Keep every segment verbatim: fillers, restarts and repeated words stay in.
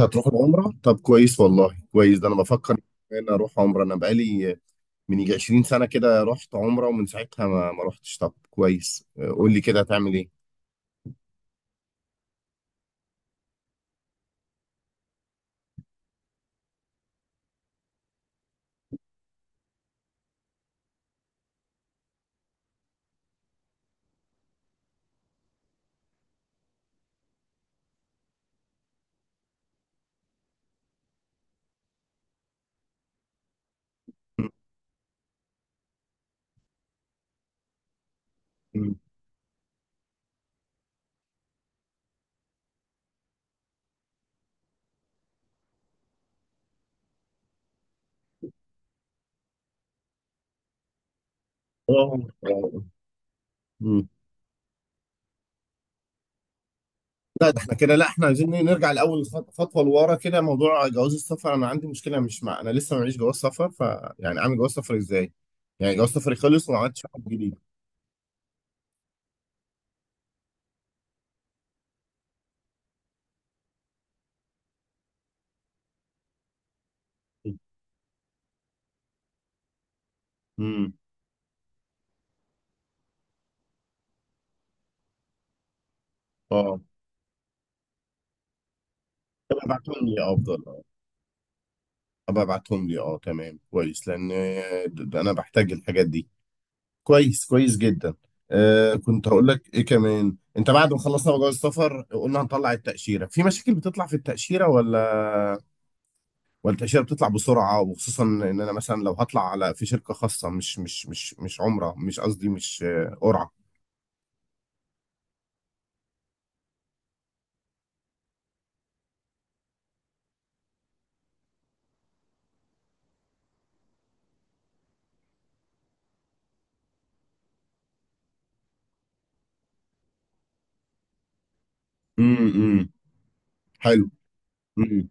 هتروح العمرة؟ طب كويس والله، كويس. ده انا بفكر ان انا اروح عمرة. انا بقالي من يجي عشرين سنة كده رحت عمرة، ومن ساعتها ما ما رحتش. طب كويس، قول لي كده، هتعمل ايه؟ مم. اه. آه. مم. لا، ده احنا كده. لا، احنا عايزين إيه، نرجع لاول خط- خطوه لورا كده. موضوع جواز السفر، انا عندي مشكله، مش مع، انا لسه معيش جواز سفر، ف يعني اعمل جواز سفر ازاي؟ يعني جواز سفري خلص وما عملتش واحد جديد. امم. اه، طب ابعتهم لي، آه، افضل. اه، ابقى ابعتهم لي، اه تمام كويس. لان آه، ده- ده انا بحتاج الحاجات دي. كويس كويس جدا. آه كنت هقول لك ايه كمان، انت بعد ما خلصنا جواز السفر قلنا هنطلع التاشيره، في مشاكل بتطلع في التاشيره ولا؟ والتأشيرة بتطلع بسرعة، وخصوصا إن أنا مثلا لو هطلع على، في شركة خاصة، مش مش مش مش عمرة، مش قصدي، مش آه، قرعة. امم. حلو. مم.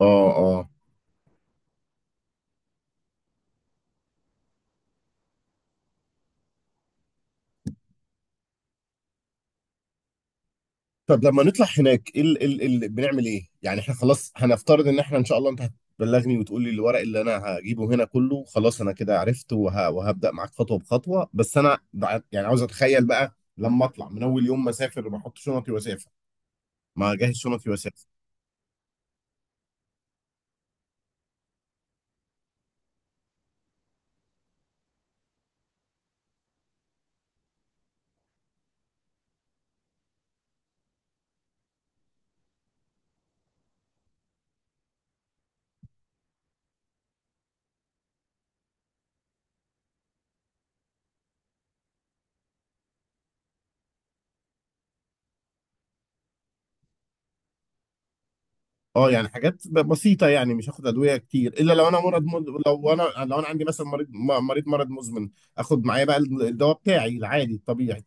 اه اه. طب لما نطلع هناك، ايه ال ال ال بنعمل ايه؟ يعني احنا خلاص هنفترض ان احنا ان شاء الله انت هتبلغني وتقول لي الورق اللي انا هجيبه هنا كله، خلاص انا كده عرفت وه وهبدأ معاك خطوة بخطوة. بس انا بع- يعني عاوز اتخيل بقى لما اطلع، من اول يوم ما اسافر بحط شنطي واسافر، ما اجهز شنطي واسافر. اه، يعني حاجات ب- بسيطه، يعني مش هاخد ادويه كتير، الا لو انا مرض مد... لو انا لو انا عندي مثلا مريض م- مريض مرض مزمن، اخد معايا بقى ال- الدواء بتاعي العادي الطبيعي.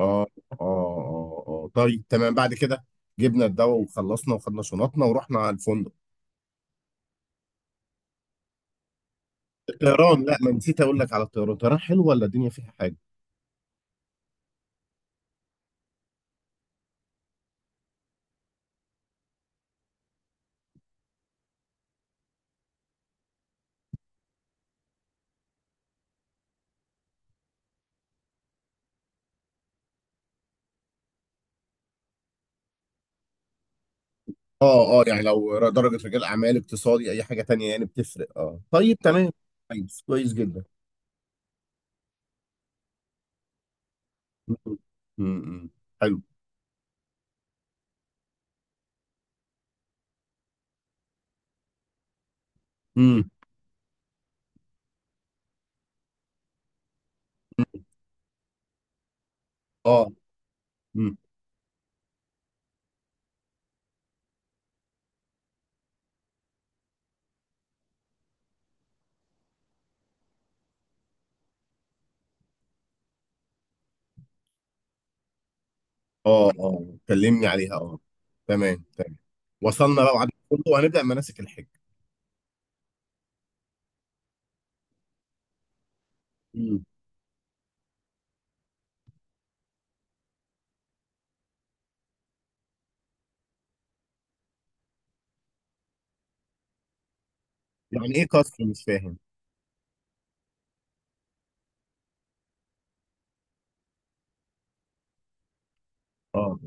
اه اه اه اه، طيب تمام. بعد كده جبنا الدواء وخلصنا وخدنا شنطنا ورحنا على الفندق. الطيران، لا، ما نسيت اقول لك على الطيران. الطيران حلو ولا الدنيا فيها حاجه؟ اه اه، يعني لو ر- درجه رجال اعمال، اقتصادي، اي حاجه تانية، يعني بتفرق. اه طيب تمام. كويس كويس جدا. م- م- م. حلو. امم. اه اه اه كلمني عليها، اه. تمام تمام. وصلنا بقى وعدنا كله، وهنبدأ مناسك الحج. مم. يعني ايه قصر؟ مش فاهم. اه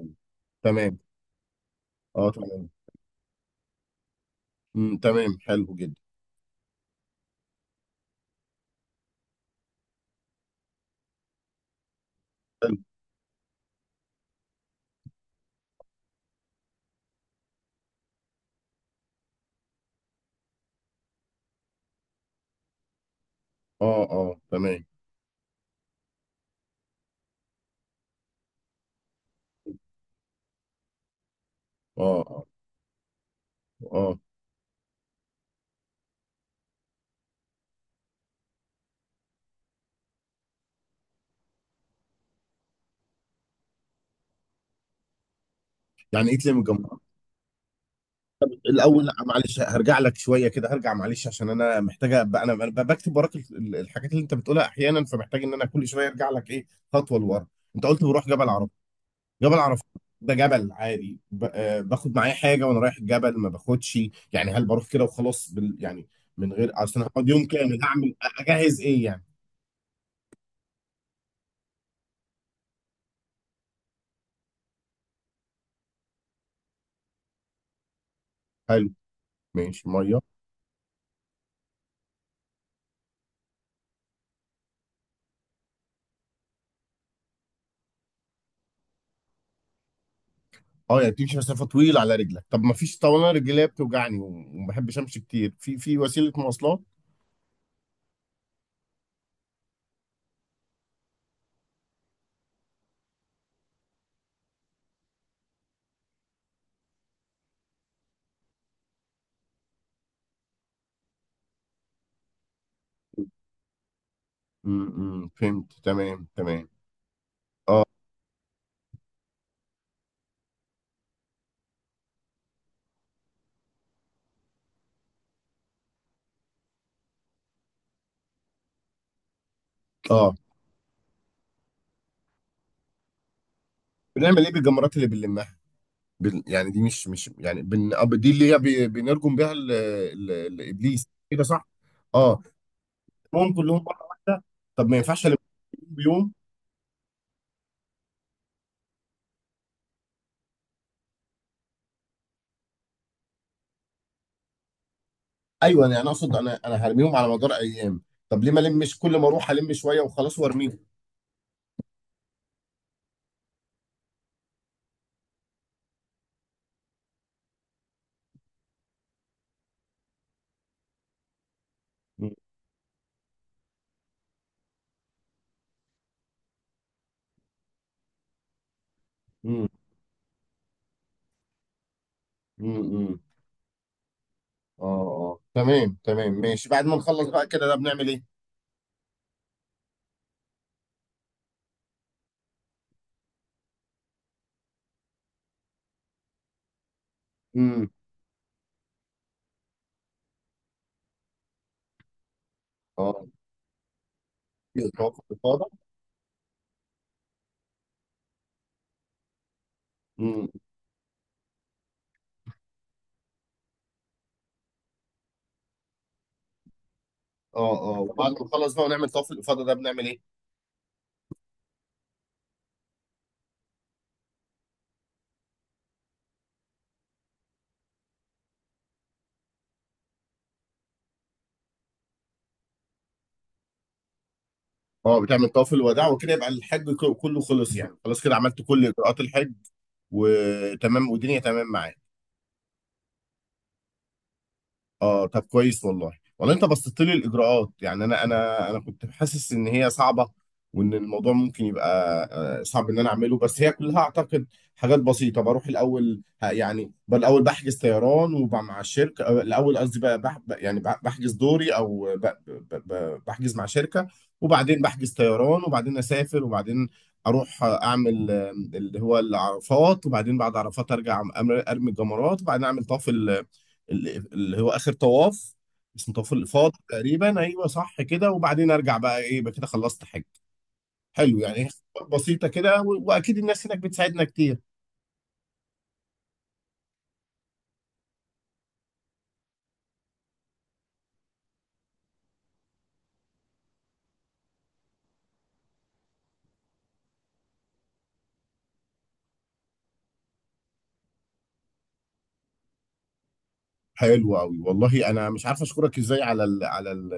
تمام. اه تمام. مم. تمام حلو جدا. اه اه تمام. اه اه اه، يعني ايه تلم الجمهور؟ الاول، لا معلش، هرجع لك شويه كده، هرجع معلش عشان انا محتاجه، ابقى، انا أنا بكتب وراك ال- ال- الحاجات اللي انت بتقولها احيانا، فمحتاج ان انا كل شويه ارجع لك ايه، خطوه لورا. انت قلت بروح جبل عرب جبل عرفات. ده جبل عادي ب- آه، باخد معايا حاجه وانا رايح الجبل ما باخدش؟ يعني هل بروح كده وخلاص، بال يعني، من غير، اصل أنا هقعد يوم كامل، هعمل اجهز ايه يعني؟ حلو. ماشي ميه. اه، يعني بتمشي مسافه طويله على رجلك. طب ما فيش، طب انا رجليا بتوجعني وما بحبش امشي كتير، في في وسيله مواصلات؟ امم فهمت، تمام تمام. اه اه. بنعمل ايه بالجمرات اللي بنلمها؟ بال... يعني دي مش مش يعني بن... آه، دي اللي هي بي- بنرجم بيها ال... ال... الابليس، كده صح؟ اه. هم كلهم مره واحده؟ طب ما ينفعش الم بيوم؟ ايوه، انا يعني اقصد، انا انا هرميهم على مدار ايام. طب ليه ما المش كل ما اروح الم شويه وخلاص وارميهم؟ مم. مم. مم. اه اه تمام تمام ماشي. بعد ما نخلص بقى كده، ده بنعمل ايه؟ امم. اه، طواف الافاضه. امم. اه اه، وبعد ما نخلص بقى ونعمل طواف الافاضه ده بنعمل ايه؟ اه، بتعمل طواف الوداع وكده، يبقى الحج ك- كله خلص. يعني خلاص كده عملت كل اجراءات الحج. وتمام والدنيا تمام معاك. اه طب كويس والله. والله انت بسطت لي الاجراءات، يعني انا انا انا كنت حاسس ان هي صعبه، وان الموضوع ممكن يبقى آه، صعب ان انا اعمله. بس هي كلها اعتقد حاجات بسيطه. بروح الاول ه- يعني بالاول بحجز طيران وبقى مع الشركه، آه، الاول قصدي بقى، بح ب- يعني بح- بحجز دوري او ب- ب- ب- بحجز مع شركه، وبعدين بحجز طيران، وبعدين اسافر، وبعدين اروح آه، اعمل آه، اللي هو العرفات، وبعدين بعد عرفات ارجع أعمل- ارمي الجمرات، وبعدين اعمل طواف ال- اللي هو اخر طواف، اسمه طواف الافاضه تقريبا، ايوه صح كده. وبعدين ارجع بقى، ايه يبقى كده خلصت حج. حلو، يعني هي خطوات بسيطه كده، و- واكيد الناس هناك بتساعدنا كتير. حلو قوي والله، انا مش عارف اشكرك ازاي على ال على ال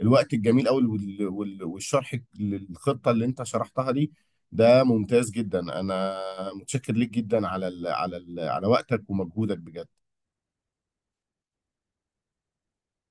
الوقت الجميل قوي وال- وال- والشرح للخطه اللي انت شرحتها دي. ده ممتاز جدا. انا متشكر ليك جدا على ال على ال على وقتك ومجهودك بجد.